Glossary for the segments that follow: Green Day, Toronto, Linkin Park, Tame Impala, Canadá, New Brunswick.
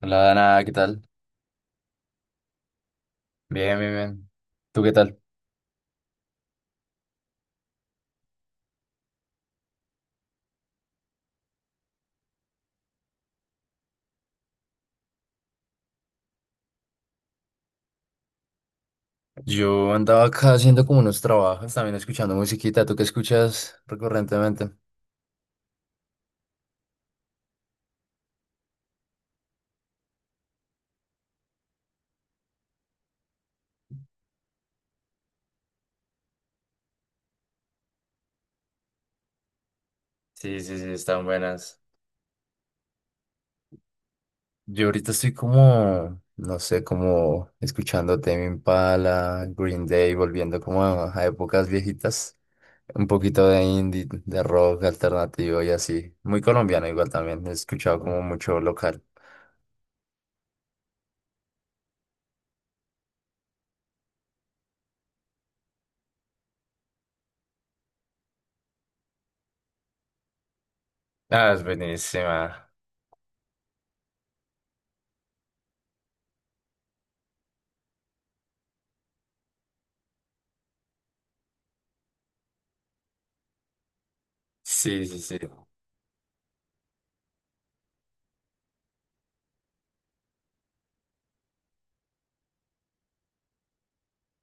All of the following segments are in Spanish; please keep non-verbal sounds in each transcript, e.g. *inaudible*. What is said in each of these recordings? Hola, Dana, ¿qué tal? Bien, bien, bien. ¿Tú qué tal? Yo andaba acá haciendo como unos trabajos, también escuchando musiquita. ¿Tú qué escuchas recurrentemente? Sí, sí, sí, están buenas. Yo ahorita estoy como, no sé, como escuchando Tame Impala, Green Day, volviendo como a épocas viejitas. Un poquito de indie, de rock alternativo y así. Muy colombiano igual también. He escuchado como mucho local. Ah, es buenísima. Sí, sí, sí.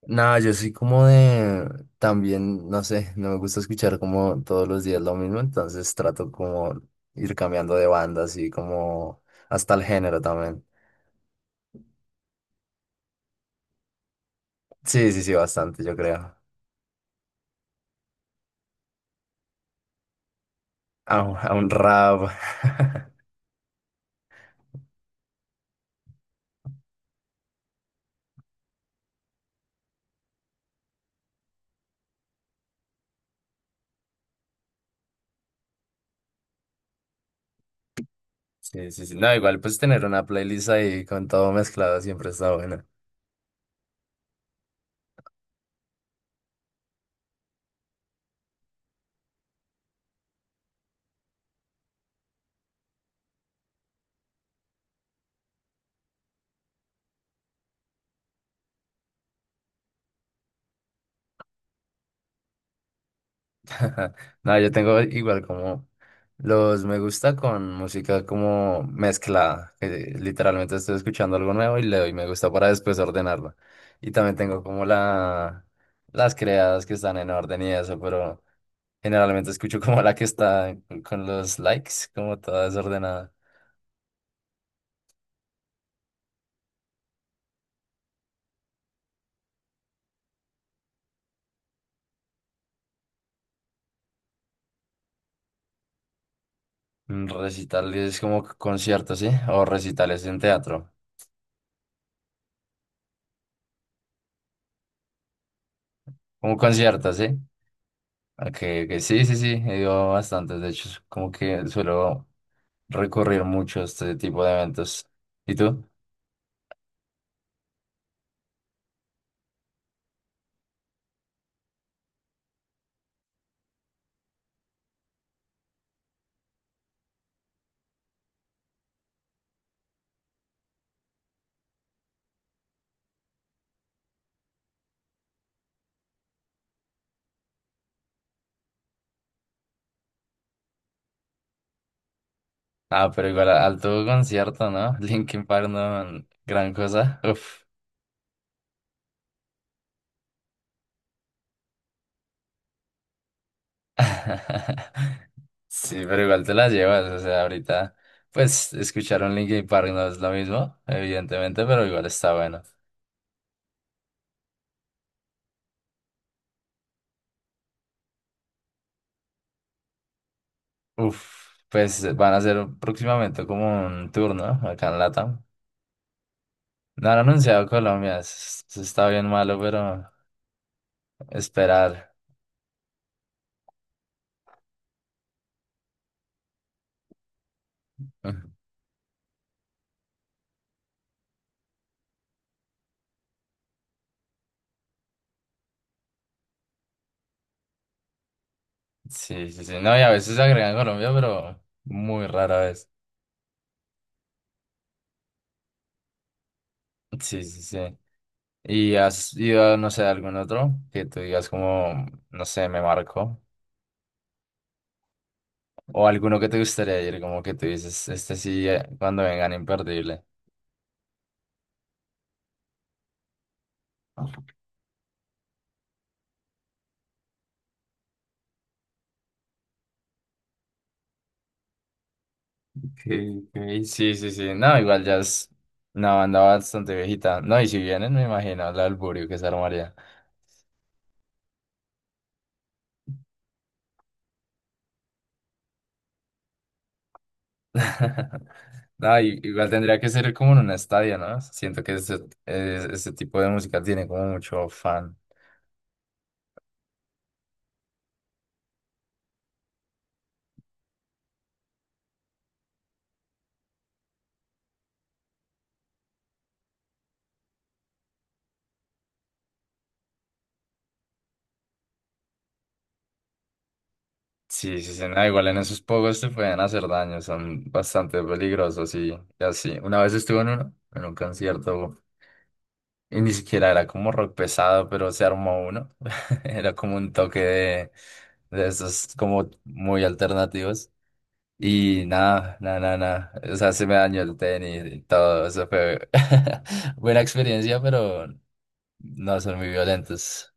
No, yo soy como de, también, no sé, no me gusta escuchar como todos los días lo mismo, entonces trato como ir cambiando de banda, así como hasta el género también. Sí, sí, sí, bastante, yo creo. A un rap. Sí, sí, sí. No, igual pues tener una playlist ahí con todo mezclado siempre está bueno. *laughs* No, yo tengo igual como los me gusta con música como mezclada, que literalmente estoy escuchando algo nuevo y le doy me gusta para después ordenarlo. Y también tengo como las creadas que están en orden y eso, pero generalmente escucho *laughs* como la que está con los likes, como toda desordenada. Recitales como conciertos, ¿sí? O recitales en teatro, como conciertos, ¿sí? Ok, ok, sí, sí, sí, he ido a bastantes. De hecho, es como que suelo recurrir mucho a este tipo de eventos. ¿Y tú? Ah, pero igual alto concierto, ¿no? *laughs* Linkin Park, no, gran cosa. Uf. *laughs* Sí, pero igual te la llevas. O sea, ahorita, pues, escuchar un Linkin Park no es lo mismo, evidentemente, pero igual está bueno. Uf, pues van a hacer próximamente como un tour, ¿no? Acá en Latam. No han anunciado Colombia, está bien malo, pero. Esperar. Ah, sí, sí, sí. No, y a veces agregan Colombia, pero muy rara vez. Sí, sí, sí. ¿Y has ido, no sé, a algún otro que tú digas como, no sé, me marcó? O alguno que te gustaría ir, como que tú dices, este sí, cuando vengan, imperdible. Okay, ok. Sí, sí, sí. No, igual ya es una banda bastante viejita. No, y si vienen, me imagino el alburio que se armaría. *laughs* No, igual tendría que ser como en un estadio, ¿no? Siento que ese tipo de música tiene como mucho fan. Sí, sí, sí, no, igual en esos pogos te pueden hacer daño, son bastante peligrosos y así. Una vez estuve en uno, en un concierto, y ni siquiera era como rock pesado, pero se armó uno. *laughs* Era como un toque de esos como muy alternativos. Y nada, nada, nada, nada. O sea, se me dañó el tenis y todo. Eso fue *laughs* buena experiencia, pero no son muy violentos.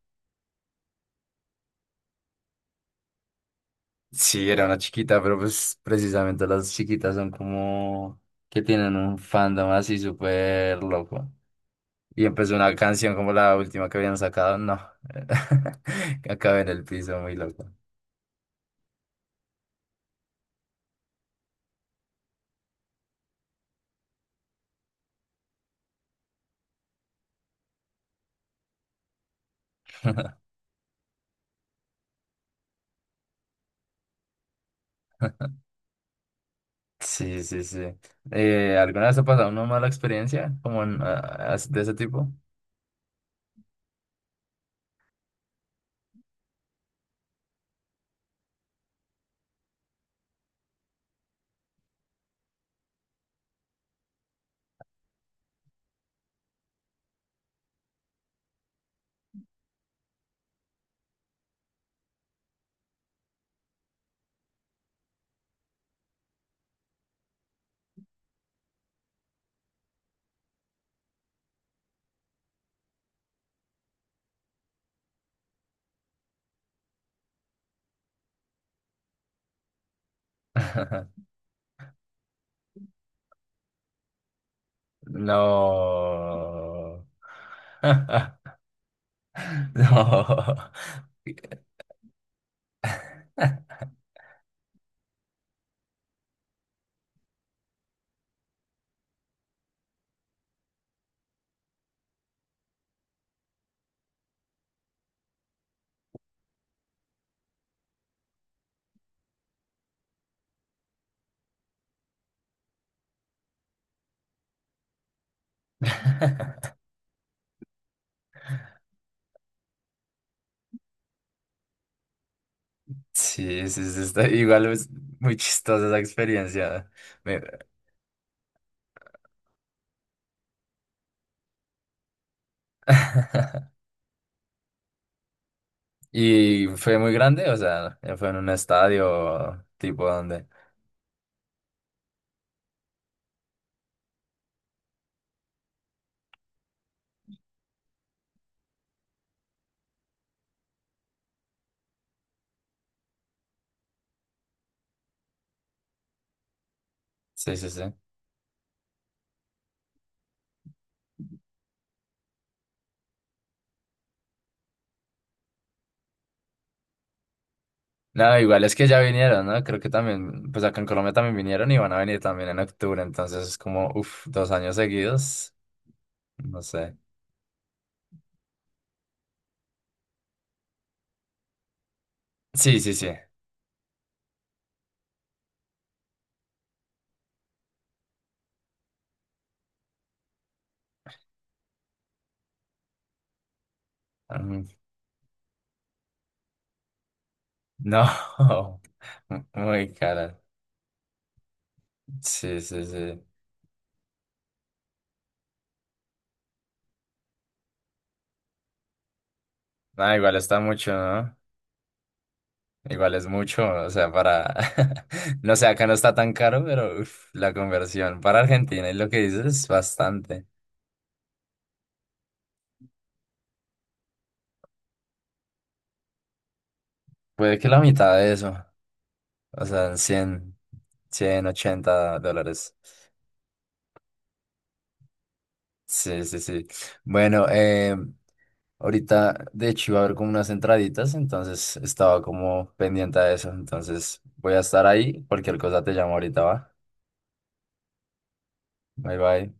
Sí, era una chiquita, pero pues precisamente las chiquitas son como que tienen un fandom así súper loco. Y empezó una canción como la última que habían sacado. No, *laughs* acabé en el piso muy loco. Sí, sí, sí. ¿Alguna vez ha pasado una mala experiencia como en, de ese tipo? *laughs* No. *laughs* No. Sí, sí, sí, está igual es muy chistosa esa experiencia. Me- *laughs* Y fue muy grande, o sea, fue en un estadio tipo donde. Sí, sí, sí. No, igual es que ya vinieron, ¿no? Creo que también, pues acá en Colombia también vinieron y van a venir también en octubre, entonces es como, uff, 2 años seguidos, no sé. Sí, sí, sí. Mm, no, *laughs* muy cara. Sí, sí, sí. Ah, igual está mucho, ¿no? Igual es mucho, *laughs* o sea, para... *laughs* No sé, acá no está tan caro, pero uf, la conversión para Argentina y lo que dices es bastante. Puede que la mitad de eso, o sea, 100, $80. Sí, sí, sí. Bueno, ahorita, de hecho, iba a haber como unas entraditas, entonces estaba como pendiente de eso. Entonces voy a estar ahí, cualquier cosa te llamo ahorita, ¿va? Bye, bye.